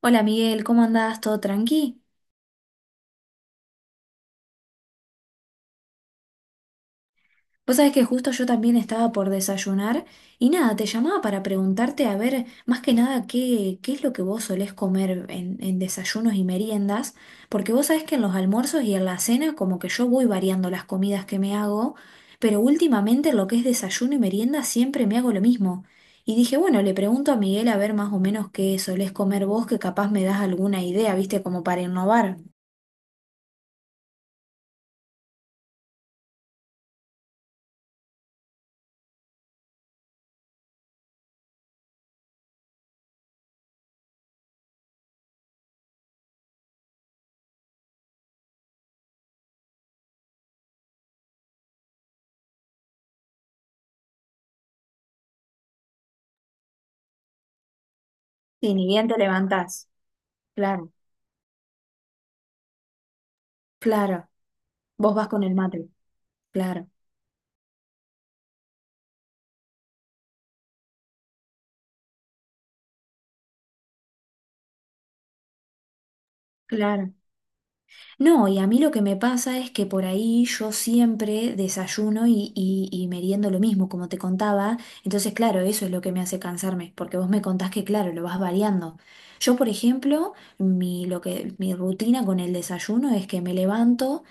Hola Miguel, ¿cómo andás? ¿Todo tranqui? Vos sabés que justo yo también estaba por desayunar y nada, te llamaba para preguntarte a ver más que nada qué es lo que vos solés comer en desayunos y meriendas, porque vos sabés que en los almuerzos y en la cena como que yo voy variando las comidas que me hago, pero últimamente en lo que es desayuno y merienda siempre me hago lo mismo. Y dije, bueno, le pregunto a Miguel a ver más o menos qué solés comer vos, que capaz me das alguna idea, viste, como para innovar. Sí, ni bien te levantás. Claro. Claro. Vos vas con el mate, claro, claro. No, y a mí lo que me pasa es que por ahí yo siempre desayuno y meriendo lo mismo, como te contaba. Entonces, claro, eso es lo que me hace cansarme, porque vos me contás que, claro, lo vas variando. Yo, por ejemplo, mi rutina con el desayuno es que me levanto.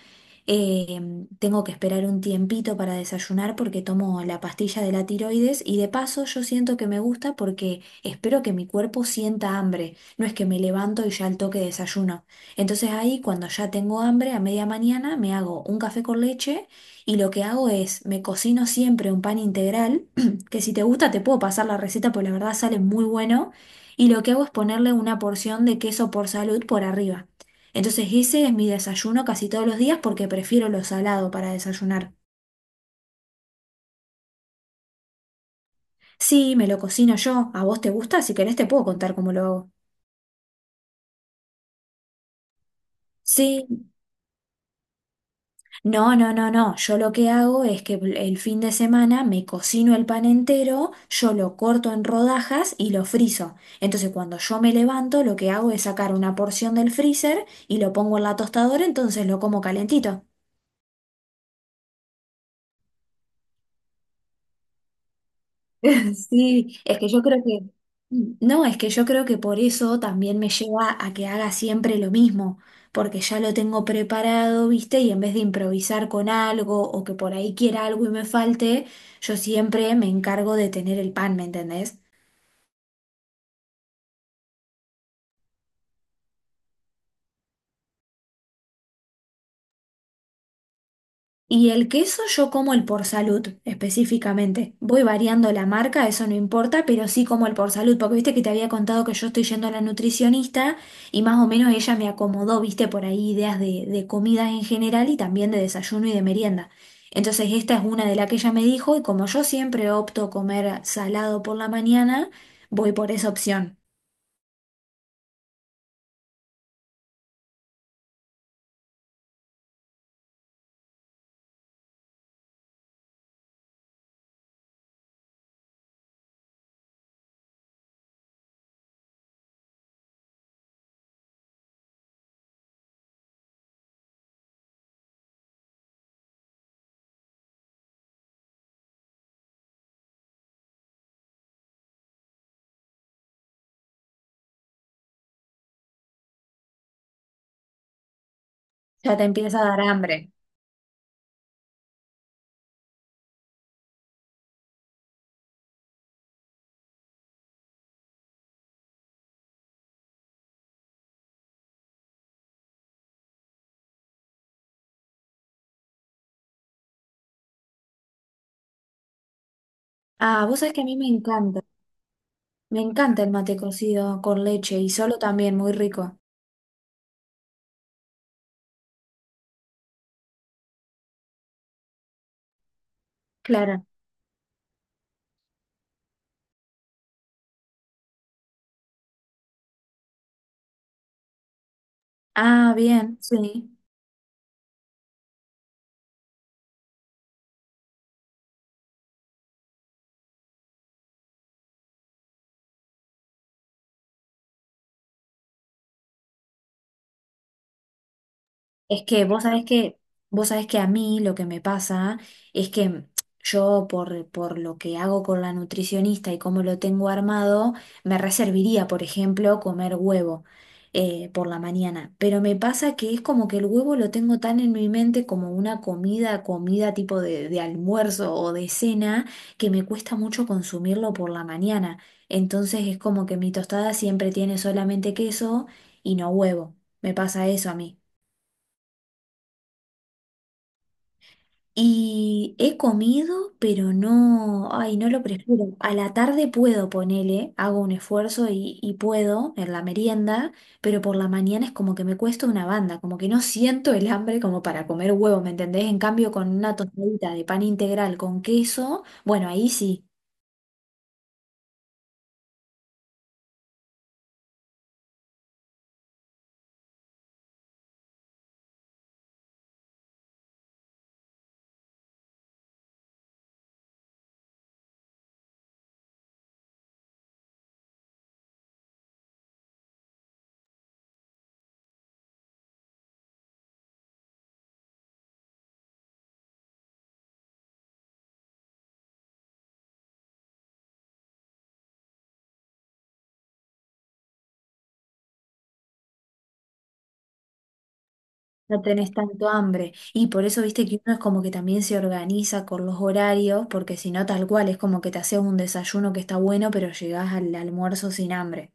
Eh, Tengo que esperar un tiempito para desayunar porque tomo la pastilla de la tiroides y de paso yo siento que me gusta porque espero que mi cuerpo sienta hambre, no es que me levanto y ya al toque desayuno. Entonces ahí cuando ya tengo hambre a media mañana me hago un café con leche y lo que hago es me cocino siempre un pan integral, que si te gusta te puedo pasar la receta porque la verdad sale muy bueno y lo que hago es ponerle una porción de queso por salud por arriba. Entonces ese es mi desayuno casi todos los días porque prefiero lo salado para desayunar. Sí, me lo cocino yo. ¿A vos te gusta? Si querés te puedo contar cómo lo hago. Sí, no, no, no, no. Yo lo que hago es que el fin de semana me cocino el pan entero, yo lo corto en rodajas y lo frizo. Entonces cuando yo me levanto, lo que hago es sacar una porción del freezer y lo pongo en la tostadora, entonces lo como calentito. Sí, es que yo creo que, no, es que yo creo que por eso también me lleva a que haga siempre lo mismo, porque ya lo tengo preparado, ¿viste? Y en vez de improvisar con algo o que por ahí quiera algo y me falte, yo siempre me encargo de tener el pan, ¿me entendés? Y el queso yo como el por salud específicamente. Voy variando la marca, eso no importa, pero sí como el por salud, porque viste que te había contado que yo estoy yendo a la nutricionista y más o menos ella me acomodó, viste, por ahí ideas de comidas en general y también de desayuno y de merienda. Entonces esta es una de las que ella me dijo y como yo siempre opto comer salado por la mañana, voy por esa opción. Ya te empieza a dar hambre. Ah, vos sabés que a mí me encanta el mate cocido con leche y solo también, muy rico. Claro. Ah, bien, sí. Es que vos sabés que, vos sabés que a mí lo que me pasa es que yo por lo que hago con la nutricionista y cómo lo tengo armado, me reservaría, por ejemplo, comer huevo por la mañana. Pero me pasa que es como que el huevo lo tengo tan en mi mente como una comida, comida tipo de almuerzo o de cena, que me cuesta mucho consumirlo por la mañana. Entonces es como que mi tostada siempre tiene solamente queso y no huevo. Me pasa eso a mí. Y he comido, pero no, ay, no lo prefiero. A la tarde puedo ponerle, hago un esfuerzo y puedo en la merienda, pero por la mañana es como que me cuesta una banda, como que no siento el hambre como para comer huevo, ¿me entendés? En cambio, con una tostadita de pan integral con queso, bueno, ahí sí, no tenés tanto hambre. Y por eso, viste que uno es como que también se organiza con los horarios, porque si no, tal cual, es como que te haces un desayuno que está bueno, pero llegás al almuerzo sin hambre.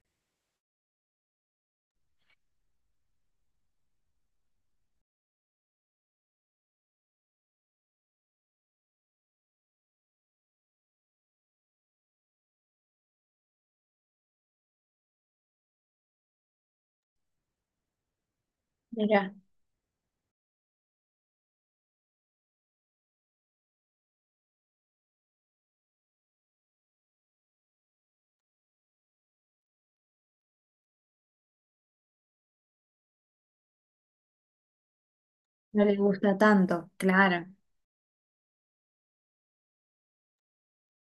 No les gusta tanto, claro,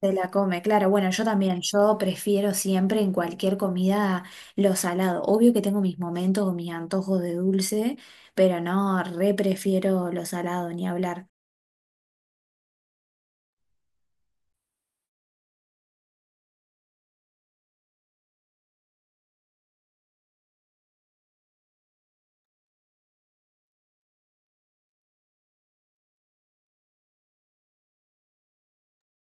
se la come, claro. Bueno, yo también, yo prefiero siempre en cualquier comida lo salado. Obvio que tengo mis momentos o mis antojos de dulce, pero no, re prefiero lo salado, ni hablar.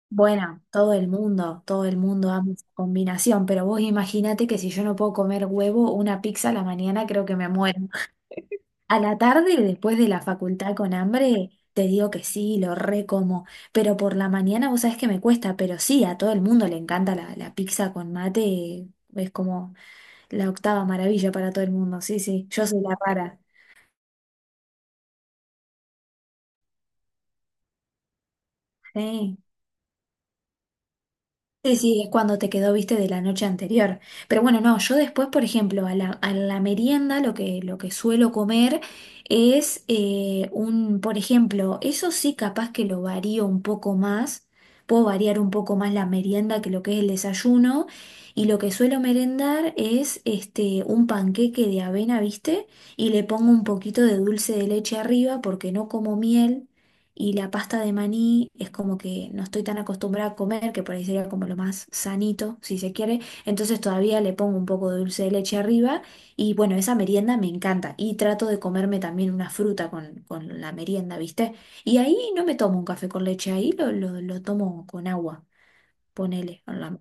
Bueno, todo el mundo ama esa combinación, pero vos imagínate que si yo no puedo comer huevo, una pizza a la mañana creo que me muero. A la tarde, después de la facultad con hambre, te digo que sí, lo recomo. Pero por la mañana, vos sabés que me cuesta, pero sí, a todo el mundo le encanta la pizza con mate. Es como la octava maravilla para todo el mundo. Sí, sí, yo soy la rara. Sí. Sí, sí, es cuando te quedó, viste, de la noche anterior. Pero bueno, no, yo después, por ejemplo, a a la merienda lo que suelo comer es por ejemplo, eso sí capaz que lo varío un poco más, puedo variar un poco más la merienda que lo que es el desayuno, y lo que suelo merendar es este, un panqueque de avena, viste, y le pongo un poquito de dulce de leche arriba porque no como miel. Y la pasta de maní es como que no estoy tan acostumbrada a comer, que por ahí sería como lo más sanito, si se quiere. Entonces todavía le pongo un poco de dulce de leche arriba. Y bueno, esa merienda me encanta. Y trato de comerme también una fruta con la merienda, ¿viste? Y ahí no me tomo un café con leche, ahí lo tomo con agua, ponele.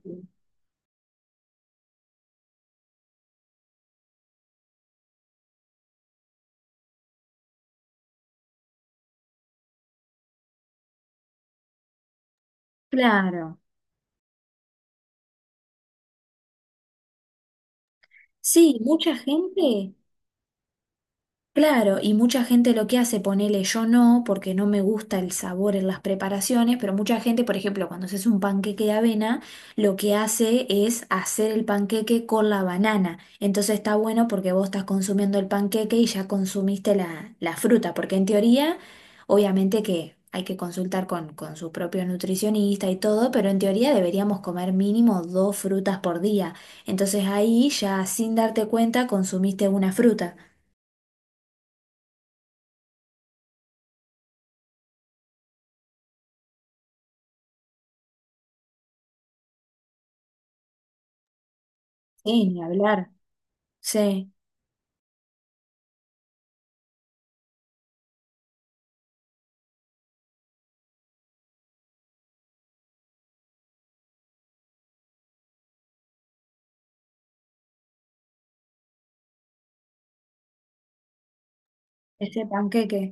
Claro. Sí, mucha gente. Claro, y mucha gente lo que hace, ponele yo no, porque no me gusta el sabor en las preparaciones, pero mucha gente, por ejemplo, cuando haces un panqueque de avena, lo que hace es hacer el panqueque con la banana. Entonces está bueno porque vos estás consumiendo el panqueque y ya consumiste la fruta, porque en teoría, obviamente que hay que consultar con su propio nutricionista y todo, pero en teoría deberíamos comer mínimo dos frutas por día. Entonces ahí ya sin darte cuenta consumiste una fruta. Sí, ni hablar. Sí, ese panqueque.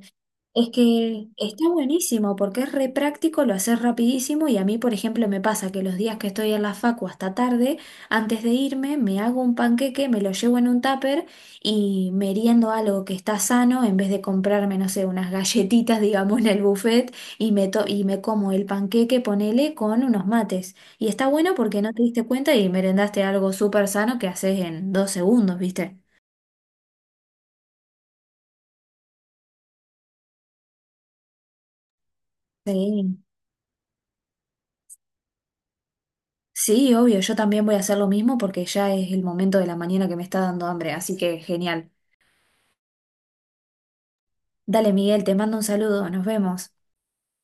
Es que está buenísimo porque es re práctico, lo haces rapidísimo y a mí, por ejemplo, me pasa que los días que estoy en la facu hasta tarde, antes de irme, me hago un panqueque, me lo llevo en un tupper y meriendo algo que está sano en vez de comprarme, no sé, unas galletitas, digamos, en el buffet y me como el panqueque, ponele, con unos mates. Y está bueno porque no te diste cuenta y merendaste algo súper sano que haces en 2 segundos, ¿viste? Sí. Sí, obvio, yo también voy a hacer lo mismo porque ya es el momento de la mañana que me está dando hambre, así que genial. Dale, Miguel, te mando un saludo, nos vemos.